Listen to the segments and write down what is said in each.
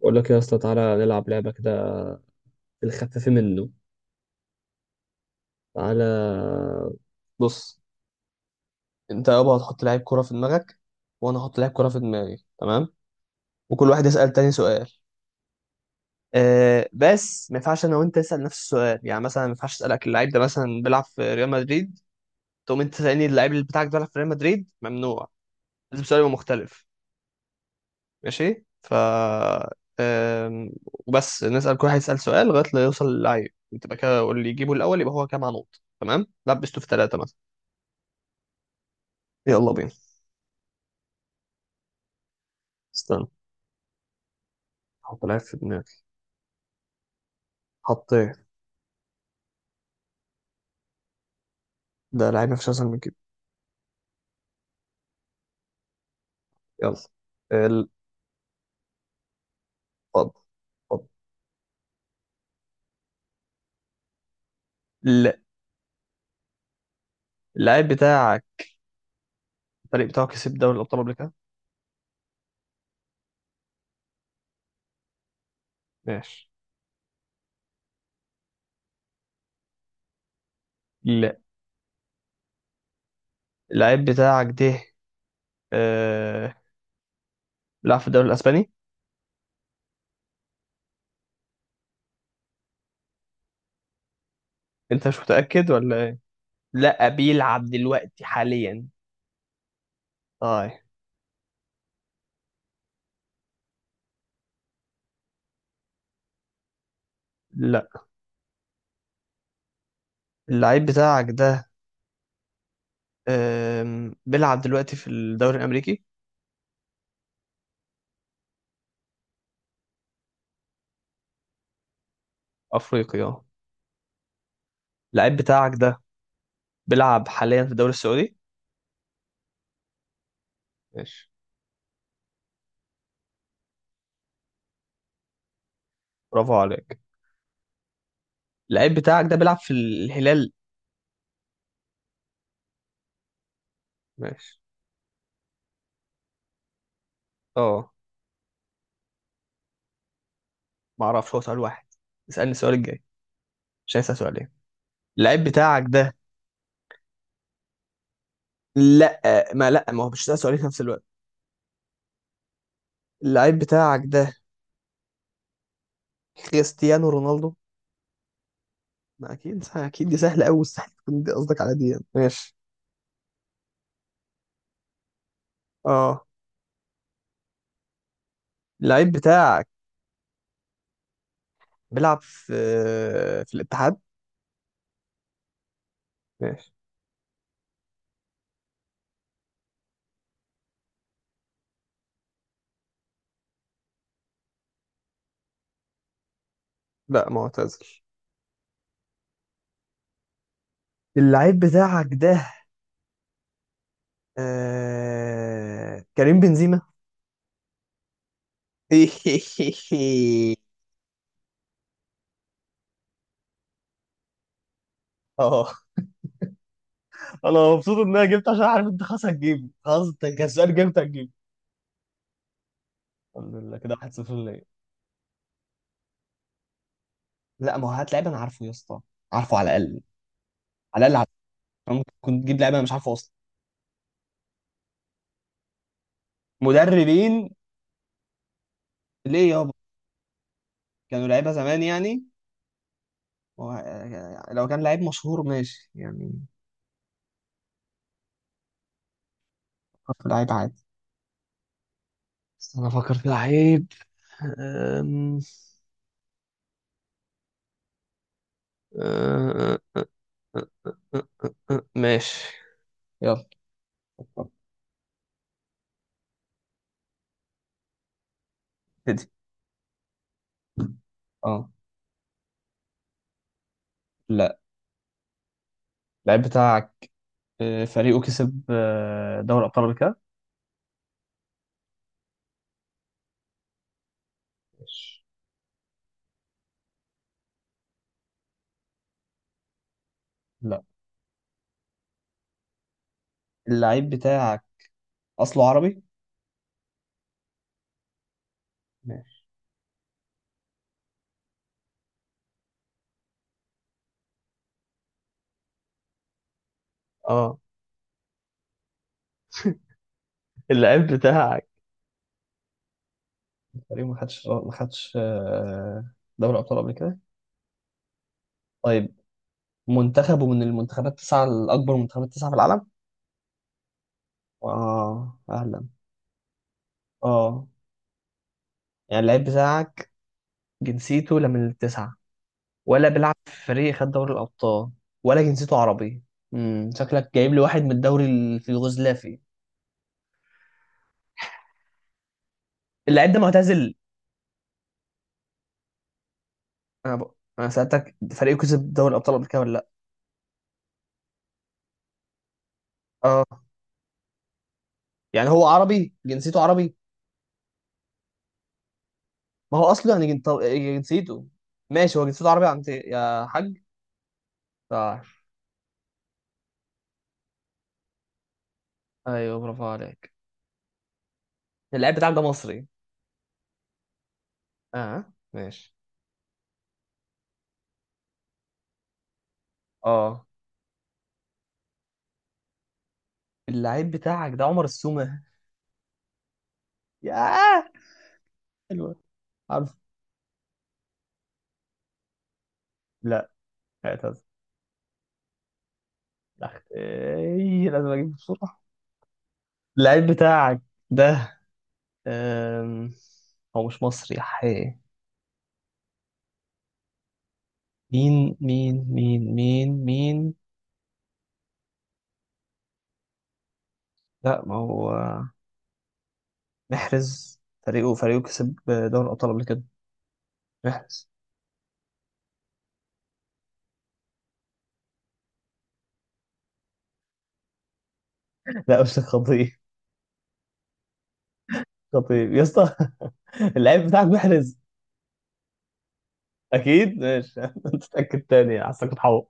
بقول لك يا اسطى تعالى نلعب لعبة كده في الخفيف منه. تعالى بص. انت يابا هتحط لعيب كرة في دماغك وانا هحط لعيب كرة في دماغي، تمام؟ وكل واحد يسأل تاني سؤال. أه بس ما ينفعش انا وانت نسأل نفس السؤال، يعني مثلا ما ينفعش اسألك اللاعب ده مثلا بيلعب في ريال مدريد تقوم انت تسألني اللاعب اللي بتاعك ده بيلعب في ريال مدريد، ممنوع. لازم سؤال يبقى مختلف. ماشي، ف أم، وبس نسأل، كل واحد يسأل سؤال لغاية ما يوصل للعيب انت بقى كده، واللي يجيبه الأول يبقى هو كام نقط. تمام، لبسته في ثلاثة. يلا بينا. استنى، حط لعيب في دماغي. حطيت. ده لعيب مفيش اسهل من كده. يلا. ال- اتفضل، اتفضل. لا. اللعيب بتاعك الفريق بتاعه كسب دوري الابطال قبل كده. ماشي. لا، اللعيب بتاعك ده آه... بيلعب في الدوري الاسباني. انت مش متاكد ولا ايه؟ لا، بيلعب دلوقتي حاليا. طيب. لا، اللعيب بتاعك ده بيلعب دلوقتي في الدوري الامريكي. افريقي، اه. اللعيب بتاعك ده بيلعب حاليا في الدوري السعودي. ماشي. برافو عليك. اللعيب بتاعك ده بيلعب في الهلال. ماشي. اه، ما اعرفش، هو سؤال واحد، اسألني السؤال الجاي، مش هيسأل سؤالين. اللعيب بتاعك ده، لا، ما هو مش هيسأل سؤالين في نفس الوقت. اللعيب بتاعك ده كريستيانو رونالدو؟ ما اكيد اكيد دي سهلة قوي، مستحيل تكون دي قصدك على دي يعني. ماشي. اه. اللعيب بتاعك بيلعب في الاتحاد. ماشي. لا، معتزل. اللعيب بتاعك ده كريم بنزيما. اه، انا مبسوط ان انا جبت، عشان عارف انت خلاص هتجيبه، خلاص انت كسبان جبت هتجيبه. الحمد لله كده 1-0 ليا. لا، ما هو هات لعيب انا عارفه يا اسطى، عارفه على الاقل، على الاقل عارفه. أنا ممكن كنت تجيب لعيب انا مش عارفه اصلا. مدربين؟ ليه يابا، كانوا لعيبه زمان يعني. و... لو كان لعيب مشهور ماشي يعني. فكر في لعيب عادي. بس انا افكر في لعيب. أم- أه- أه- أه- ماشي. يلا. ابتدي. اه. لا. اللعيب بتاعك فريقه كسب دوري ابطال افريقيا. ماشي. لا. اللعيب بتاعك اصله عربي. ماشي. اه. اللعيب بتاعك تقريبا ما خدش دوري ابطال قبل كده. طيب. منتخبه من المنتخبات التسعه الاكبر، منتخبات التسعه في العالم. اه، اهلا. اه، يعني اللعيب بتاعك جنسيته لا من التسعه، ولا بيلعب في فريق خد دوري الابطال، ولا جنسيته عربي. امم، شكلك جايب لي واحد من الدوري في اليوغوسلافي. اللعيب ده معتزل. انا ب... انا سالتك فريقه كسب دوري الابطال قبل كده ولا لا. اه، يعني هو عربي جنسيته عربي. ما هو اصله يعني جنسيته. ماشي، هو جنسيته عربي، عند يا حاج. صح. ايوه برافو عليك. اللعيب بتاعك ده مصري. اه ماشي. اه. اللعيب بتاعك ده عمر السومة؟ ياه حلوة. عارف. لا اعتذر. لا ايه، لازم اجيب بسرعة. اللعيب بتاعك ده أم... هو مش مصري يا حي. مين؟ لا، ما هو محرز. فريقه كسب دوري الابطال قبل كده، محرز. لا مش خطيب، خطيب يا اسطى. اللعيب بتاعك محرز. اكيد ماشي. انت تتاكد تاني، حاسسك بتحور.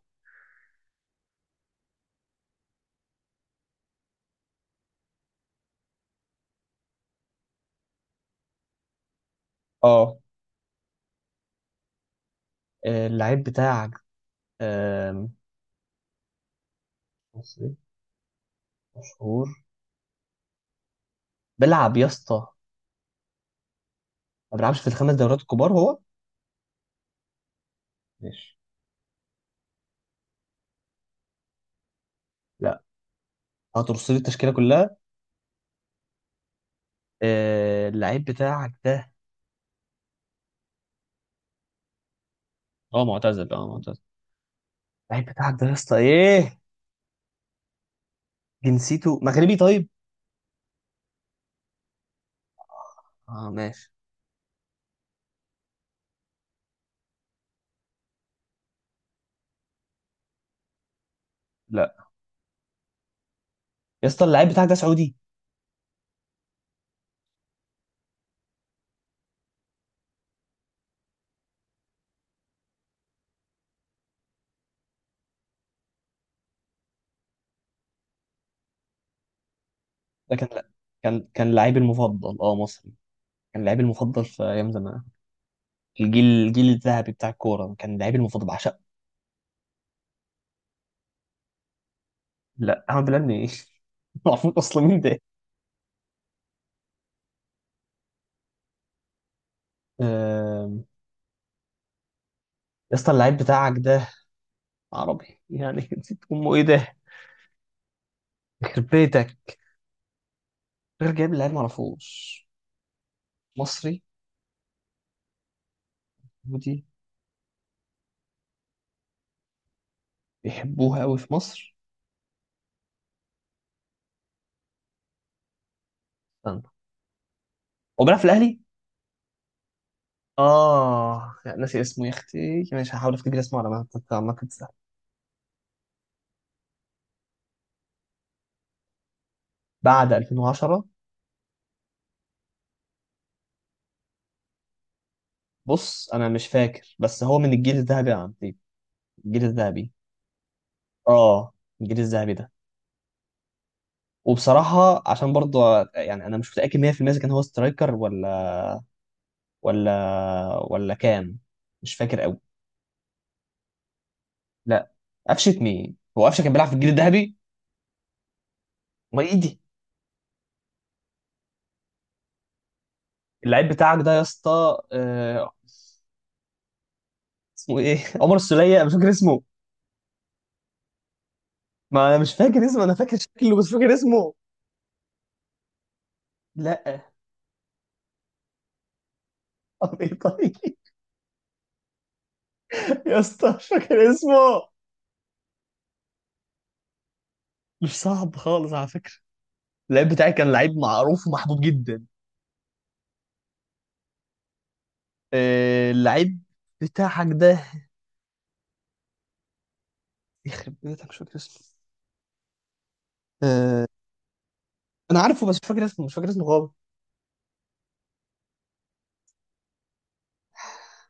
اه. اللعيب بتاعك آم، مصري مشهور بيلعب يا اسطى، ما بيلعبش في الخمس دوريات الكبار هو. ماشي. لا، هترص لي التشكيله كلها. اللعيب بتاعك ده، اه معتزل اه معتزل. اللعيب بتاعك ده يا اسطى ايه، جنسيته مغربي طيب. اه ماشي. لا. يا اسطى اللعيب بتاعك ده سعودي؟ ده كان، كان لعيبي المفضل، اه مصري، كان لعيبي المفضل في ايام زمان، الجيل الذهبي بتاع الكوره، كان لعيبي المفضل، بعشقه. لا احمد بلال ايه. معرفوش اصلا مين ده. آم، يا اسطى اللعيب بتاعك ده عربي يعني، نسيت امه ايه ده، يخرب بيتك، غير جايب لعيب معرفوش. مصري. ودي بيحبوها قوي في مصر. استنى، هو بيلعب في الاهلي. اه لا، ناسي اسمه يا اختي، ماشي هحاول افتكر اسمه على ما تنسى. بعد 2010. بص انا مش فاكر، بس هو من الجيل الذهبي يا عبدي، الجيل الذهبي، اه، الجيل الذهبي ده. وبصراحة عشان برضه يعني انا مش متأكد 100% اذا كان هو سترايكر ولا ولا كام. مش فاكر قوي. لا، قفشة مين، هو قفشة كان بيلعب في الجيل الذهبي؟ ما ايه دي. اللعيب بتاعك ده يا اسطى اسمه ايه، عمر السولية، أنا مش فاكر اسمه. ما انا مش فاكر اسمه، انا فاكر شكله بس مش فاكر اسمه. لا. طب ايه طيب. يا اسطى مش فاكر اسمه. مش صعب خالص على فكرة، اللعيب بتاعي كان لعيب معروف ومحبوب جدا. اللعيب بتاعك ده يخرب بيتك، مش فاكر اسمه. آه، انا عارفه بس مش فاكر اسمه، مش فاكر اسمه خالص،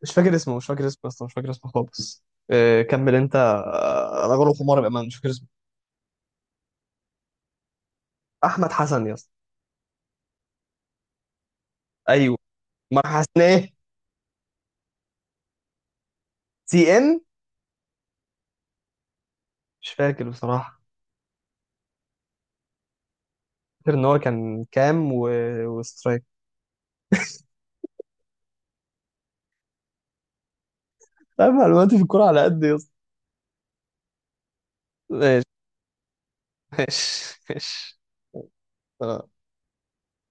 مش فاكر اسمه، مش فاكر اسمه اصلا، مش فاكر اسمه خالص. كمل انت انا غلط، حمار بامان، مش فاكر اسمه. احمد حسن يا اسطى. ايوه. ما حسن ايه. سي ام. مش فاكر بصراحه. فاكر ان هو كان كام وسترايك. طيب معلوماتي في الكوره على قد يا اسطى. ماشي، ماشي، ماشي. آه.